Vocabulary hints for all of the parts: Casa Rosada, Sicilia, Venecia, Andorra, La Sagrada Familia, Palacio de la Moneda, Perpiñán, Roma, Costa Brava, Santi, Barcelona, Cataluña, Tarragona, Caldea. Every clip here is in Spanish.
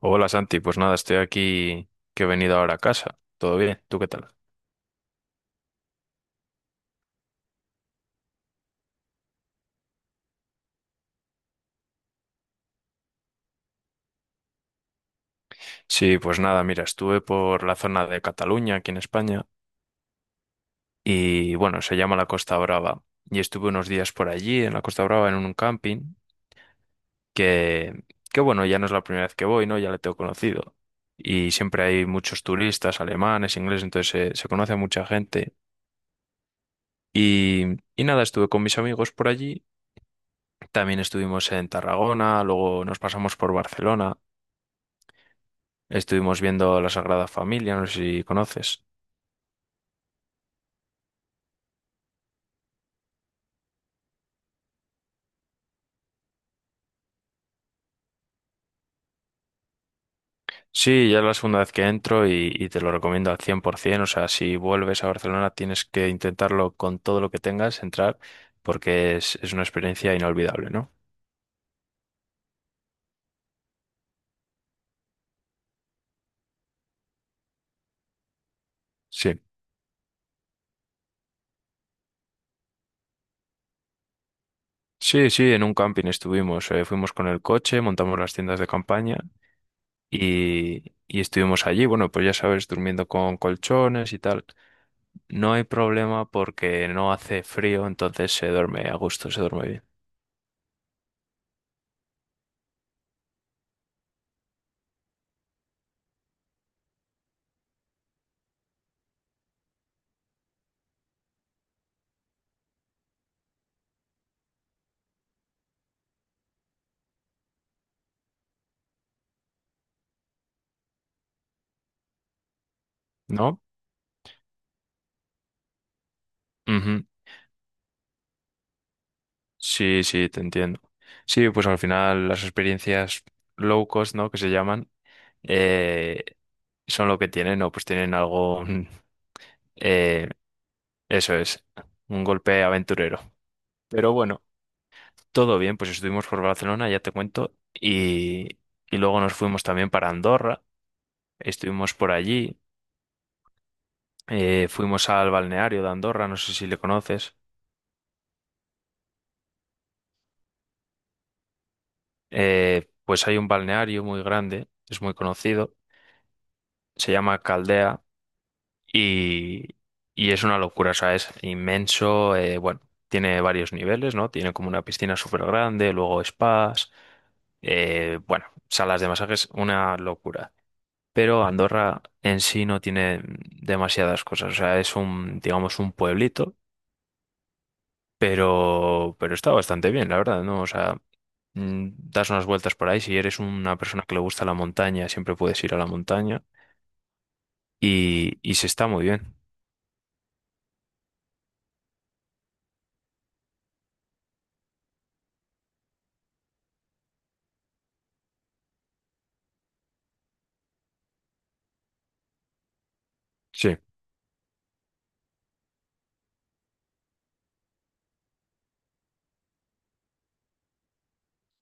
Hola Santi, pues nada, estoy aquí que he venido ahora a casa. ¿Todo bien? ¿Tú qué tal? Sí, pues nada, mira, estuve por la zona de Cataluña, aquí en España, y bueno, se llama la Costa Brava. Y estuve unos días por allí, en la Costa Brava, en un camping, que, que bueno, ya no es la primera vez que voy, ¿no? Ya le tengo conocido. Y siempre hay muchos turistas, alemanes, ingleses, entonces se conoce a mucha gente. Y, y nada, estuve con mis amigos por allí. También estuvimos en Tarragona, luego nos pasamos por Barcelona. Estuvimos viendo La Sagrada Familia, no sé si conoces. Sí, ya es la segunda vez que entro y te lo recomiendo al 100%. O sea, si vuelves a Barcelona tienes que intentarlo con todo lo que tengas, entrar, porque es una experiencia inolvidable, ¿no? Sí. Sí, sí, en un camping estuvimos. Fuimos con el coche, montamos las tiendas de campaña y estuvimos allí. Bueno, pues ya sabes, durmiendo con colchones y tal. No hay problema porque no hace frío, entonces se duerme a gusto, se duerme bien, ¿no? Ujú. Sí, sí, te entiendo. Sí, pues al final las experiencias low cost, ¿no? Que se llaman, eh, son lo que tienen, ¿no? Pues tienen algo, eh, eso es, un golpe aventurero. Pero bueno, todo bien, pues estuvimos por Barcelona, ya te cuento, y luego nos fuimos también para Andorra, estuvimos por allí, fuimos al balneario de Andorra, no sé si le conoces. Pues hay un balneario muy grande, es muy conocido, se llama Caldea. Y, y es una locura, o sea, es inmenso. Bueno, tiene varios niveles, ¿no? Tiene como una piscina súper grande, luego spas, bueno, salas de masajes, una locura. Pero Andorra en sí no tiene demasiadas cosas, o sea, es un, digamos, un pueblito, pero está bastante bien, la verdad, ¿no? O sea, das unas vueltas por ahí, si eres una persona que le gusta la montaña, siempre puedes ir a la montaña y se está muy bien. Sí,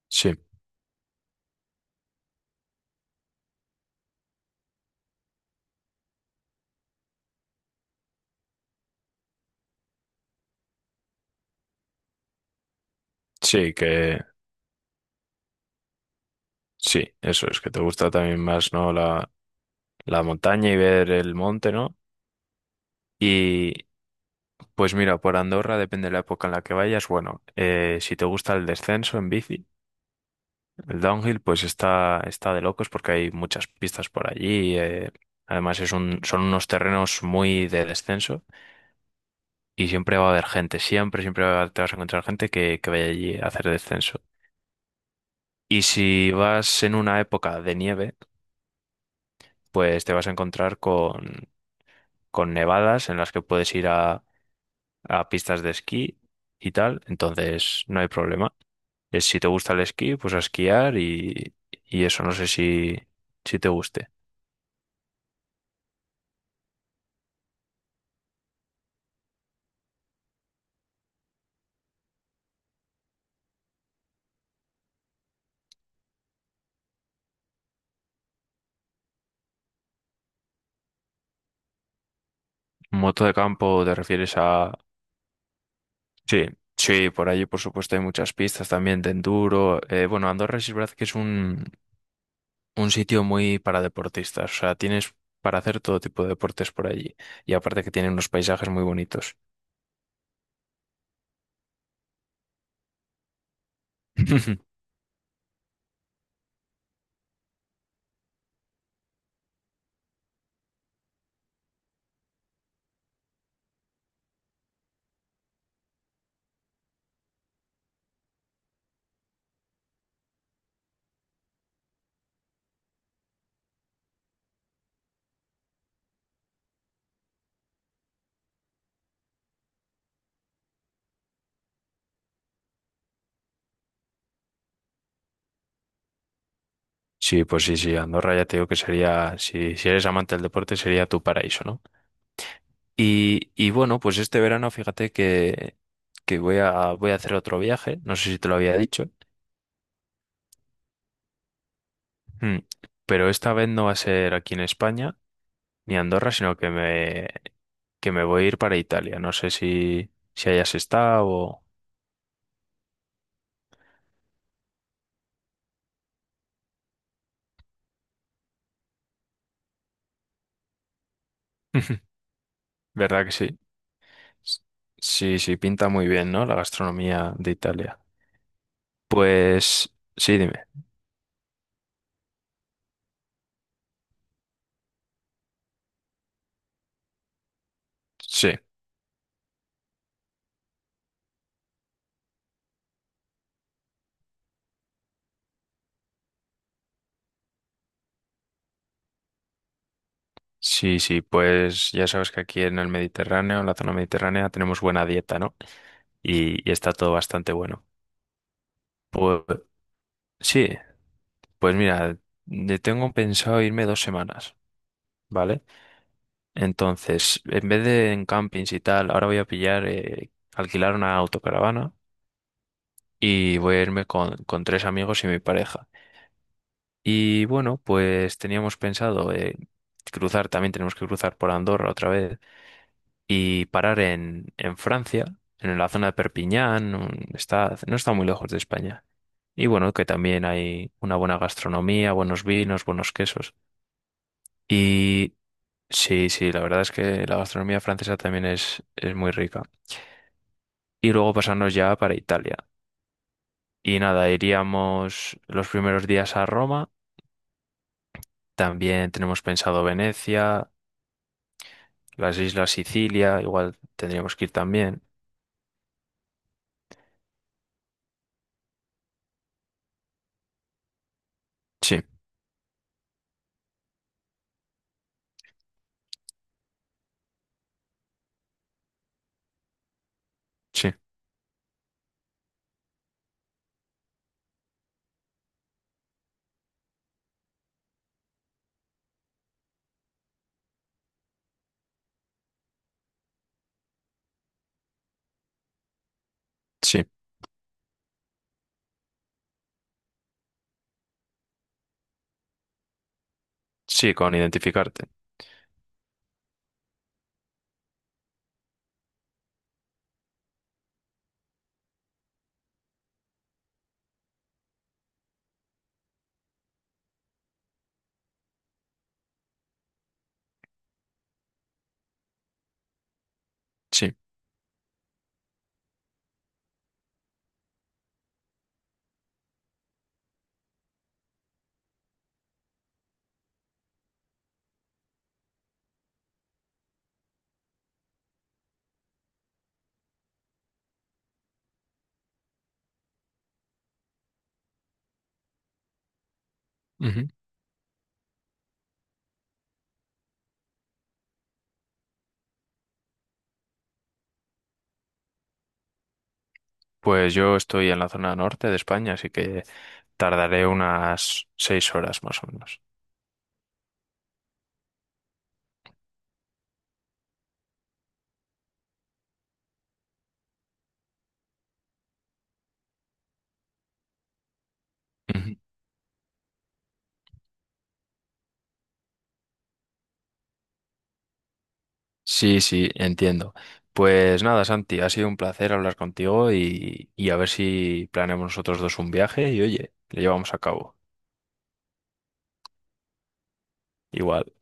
sí, sí, que... Sí, eso es, que te gusta también más, ¿no? La montaña y ver el monte, ¿no? Y pues mira, por Andorra, depende de la época en la que vayas, bueno, si te gusta el descenso en bici, el downhill, está de locos porque hay muchas pistas por allí. Además, es un, son unos terrenos muy de descenso y siempre va a haber gente, siempre, te vas a encontrar gente que vaya allí a hacer descenso. Y si vas en una época de nieve, pues te vas a encontrar con nevadas en las que puedes ir a pistas de esquí y tal, entonces no hay problema. Es si te gusta el esquí, pues a esquiar y eso no sé si te guste. Moto de campo, ¿te refieres a...? Sí, sí, por allí por supuesto hay muchas pistas también de enduro. Bueno, Andorra sí es verdad que es un sitio muy para deportistas, o sea, tienes para hacer todo tipo de deportes por allí y aparte que tiene unos paisajes muy bonitos. Sí, pues sí, sí, Andorra ya te digo que sería, si eres amante del deporte, sería tu paraíso, ¿no? Y bueno, pues este verano fíjate que voy a hacer otro viaje, no sé si te lo había dicho. Mm. Pero esta vez no va a ser aquí en España ni Andorra, sino que me voy a ir para Italia, no sé si, si hayas estado o... ¿Verdad que sí? S- Sí, sí, pinta muy bien, ¿no? La gastronomía de Italia. Pues sí, dime. Sí. Sí, sí, pues ya sabes que aquí en el Mediterráneo, en la zona mediterránea, tenemos buena dieta, ¿no? Y está todo bastante bueno. Pues sí, pues mira, tengo pensado irme 2 semanas, ¿vale? Entonces, en vez de en campings y tal, ahora voy a pillar, alquilar una autocaravana y voy a irme con tres amigos y mi pareja. Y bueno, pues teníamos pensado también tenemos que cruzar por Andorra otra vez y parar en Francia, en la zona de Perpiñán, está, no está muy lejos de España. Y bueno, que también hay una buena gastronomía, buenos vinos, buenos quesos. Y sí, sí, la verdad es que la gastronomía francesa también es muy rica. Y luego pasarnos ya para Italia. Y nada, iríamos los primeros días a Roma. También tenemos pensado Venecia, las islas Sicilia, igual tendríamos que ir también. Sí, sí, sí, sí, con identificarte. Sí. Pues yo estoy en la zona norte de España, así que tardaré unas 6 horas más o menos. Ujú. Sí, sí, entiendo. Pues nada, Santi, ha sido un placer hablar contigo y a ver si planeamos nosotros dos un viaje y oye, lo llevamos a cabo. Igual.